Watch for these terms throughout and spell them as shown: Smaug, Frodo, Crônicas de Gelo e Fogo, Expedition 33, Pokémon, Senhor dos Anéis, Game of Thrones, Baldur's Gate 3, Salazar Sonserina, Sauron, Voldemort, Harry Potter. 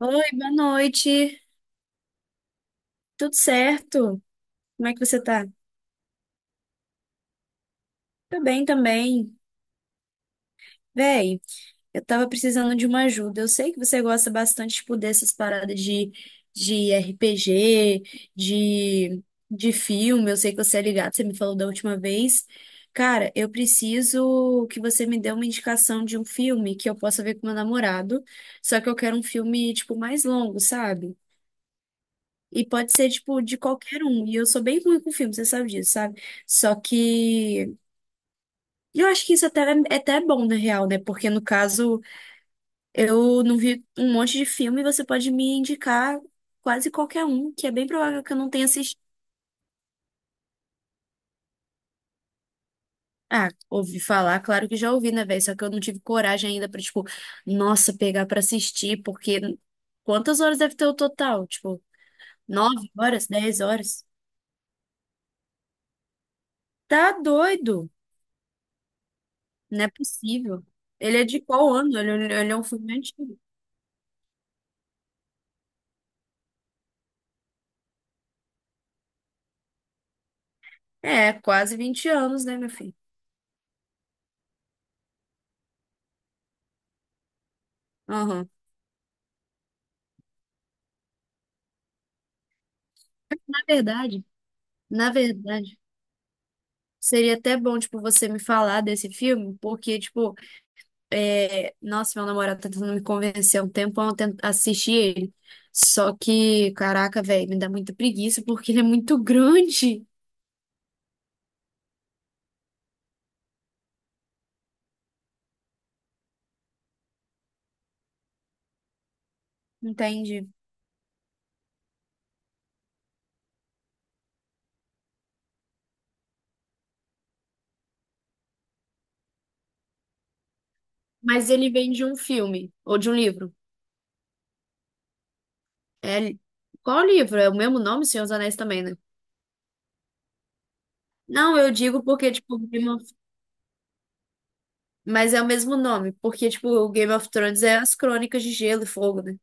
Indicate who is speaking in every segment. Speaker 1: Oi, boa noite. Tudo certo? Como é que você tá? Tô bem também. Véi, eu tava precisando de uma ajuda. Eu sei que você gosta bastante tipo, dessas paradas de RPG, de, de filme. Eu sei que você é ligado, você me falou da última vez. Cara, eu preciso que você me dê uma indicação de um filme que eu possa ver com meu namorado. Só que eu quero um filme, tipo, mais longo, sabe? E pode ser, tipo, de qualquer um. E eu sou bem ruim com filme, você sabe disso, sabe? Só que eu acho que isso até é até bom, na real, né? Porque, no caso, eu não vi um monte de filme e você pode me indicar quase qualquer um, que é bem provável que eu não tenha assistido. Ah, ouvi falar, claro que já ouvi, né, velho? Só que eu não tive coragem ainda pra, tipo, nossa, pegar pra assistir, porque quantas horas deve ter o total? Tipo, 9 horas, 10 horas? Tá doido! Não é possível. Ele é de qual ano? Ele é um filme antigo. É, quase 20 anos, né, meu filho? Aham. Na verdade, na verdade, seria até bom, tipo, você me falar desse filme, porque, tipo, é... nossa, meu namorado tá tentando me convencer há um tempão a assistir ele. Só que, caraca, velho, me dá muita preguiça porque ele é muito grande. Entende? Mas ele vem de um filme ou de um livro. É... Qual livro? É o mesmo nome, Senhor dos Anéis também, né? Não, eu digo porque, tipo, mas é o mesmo nome, porque, tipo, o Game of Thrones é as Crônicas de Gelo e Fogo, né?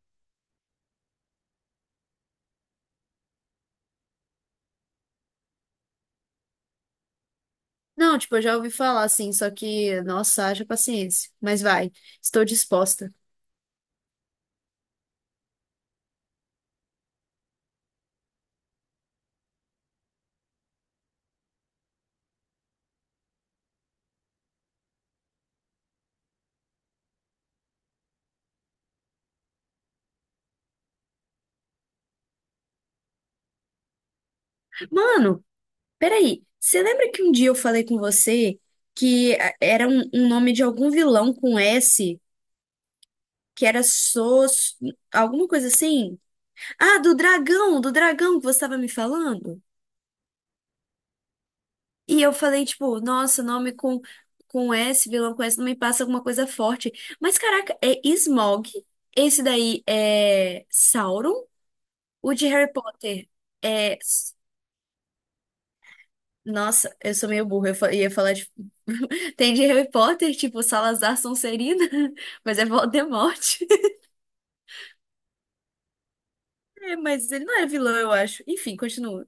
Speaker 1: Não, tipo, eu já ouvi falar assim, só que, nossa, haja paciência. Mas vai, estou disposta. Mano, peraí, você lembra que um dia eu falei com você que era um nome de algum vilão com S, que era Sos, alguma coisa assim? Ah, do dragão que você estava me falando? E eu falei, tipo, nossa, nome com S, vilão com S, não me passa alguma coisa forte. Mas caraca, é Smaug. Esse daí é Sauron. O de Harry Potter é. Nossa, eu sou meio burra. Eu ia falar de. Tem de Harry Potter, tipo, Salazar Sonserina, mas é Voldemort. É, mas ele não era vilão, eu acho. Enfim, continua.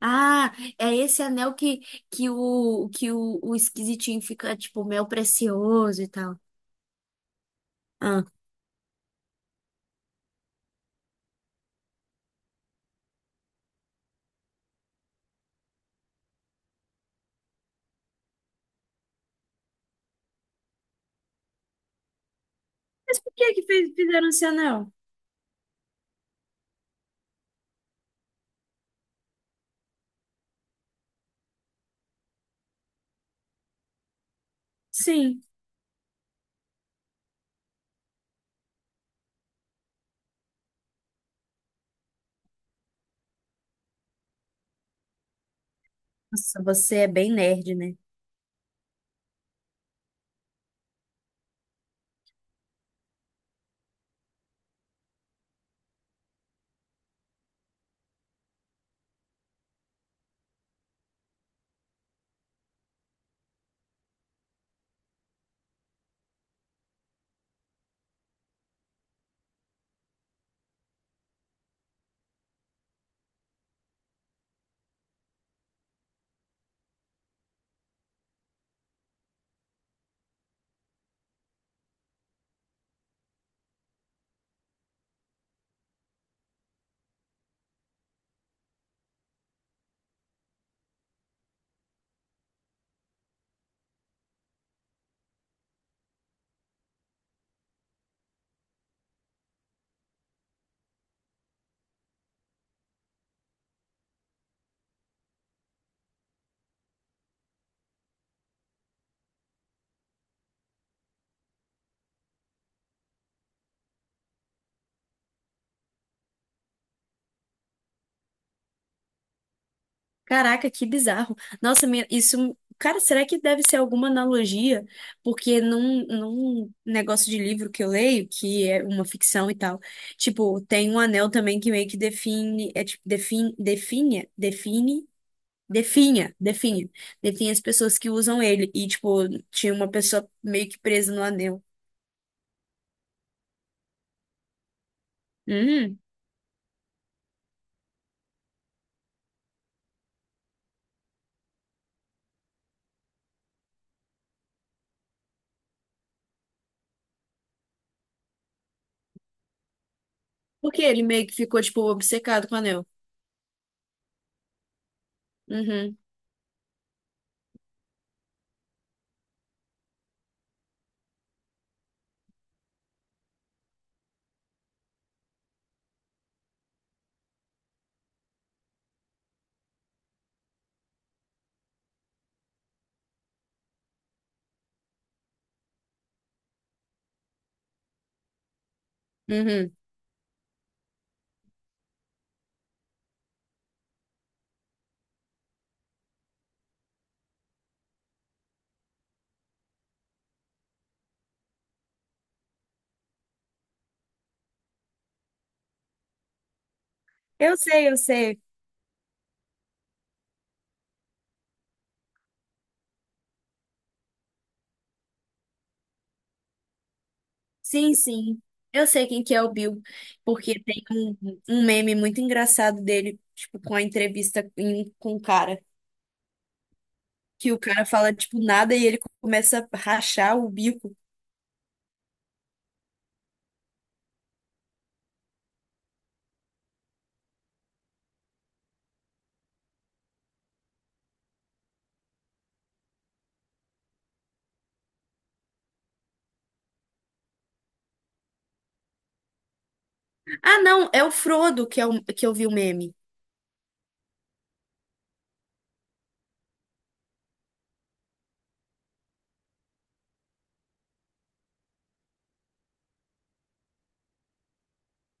Speaker 1: Ah, é esse anel que o esquisitinho fica, tipo, mel precioso e tal. Ah. Mas por que que fizeram esse anel? Sim. Nossa, você é bem nerd, né? Caraca, que bizarro. Nossa, isso. Cara, será que deve ser alguma analogia? Porque num, num negócio de livro que eu leio, que é uma ficção e tal, tipo, tem um anel também que meio que define, é tipo, define, define, define, definha, definha, define as pessoas que usam ele. E, tipo, tinha uma pessoa meio que presa no anel. Uhum. Porque ele meio que ficou, tipo, obcecado com o anel. Uhum. Uhum. Eu sei, eu sei. Sim, sim. Eu sei quem que é o Bill, porque tem um, um meme muito engraçado dele, tipo, com a entrevista com o cara, que o cara fala, tipo, nada e ele começa a rachar o bico. Ah, não, é o Frodo que, que eu vi o meme.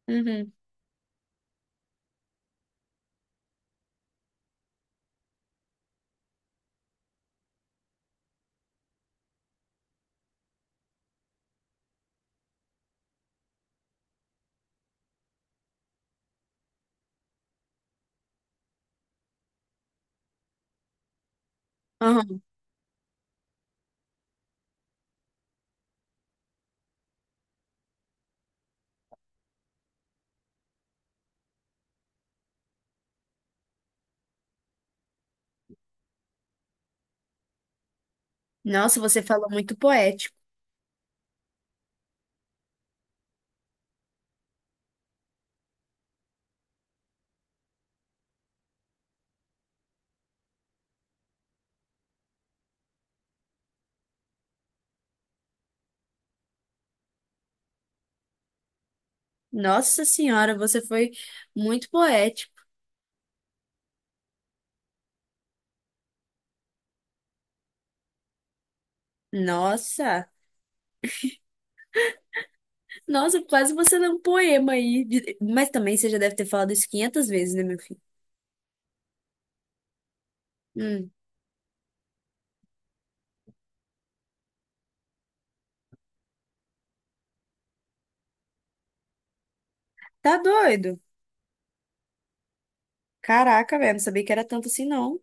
Speaker 1: Uhum. Aham. Nossa, você falou muito poético. Nossa senhora, você foi muito poético. Nossa, nossa, quase você lê um poema aí. De- Mas também você já deve ter falado isso 500 vezes, né, meu filho? Hum. Tá doido? Caraca, velho, não sabia que era tanto assim, não.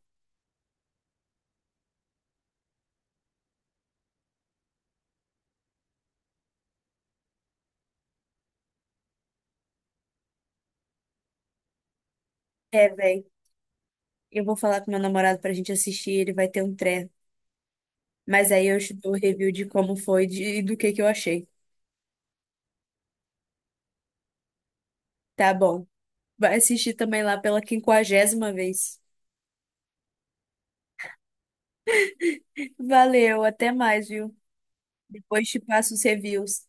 Speaker 1: É, velho. Eu vou falar com meu namorado pra gente assistir, ele vai ter um treco. Mas aí eu te dou o review de como foi e do que eu achei. Tá bom. Vai assistir também lá pela quinquagésima vez. Valeu, até mais, viu? Depois te passo os reviews.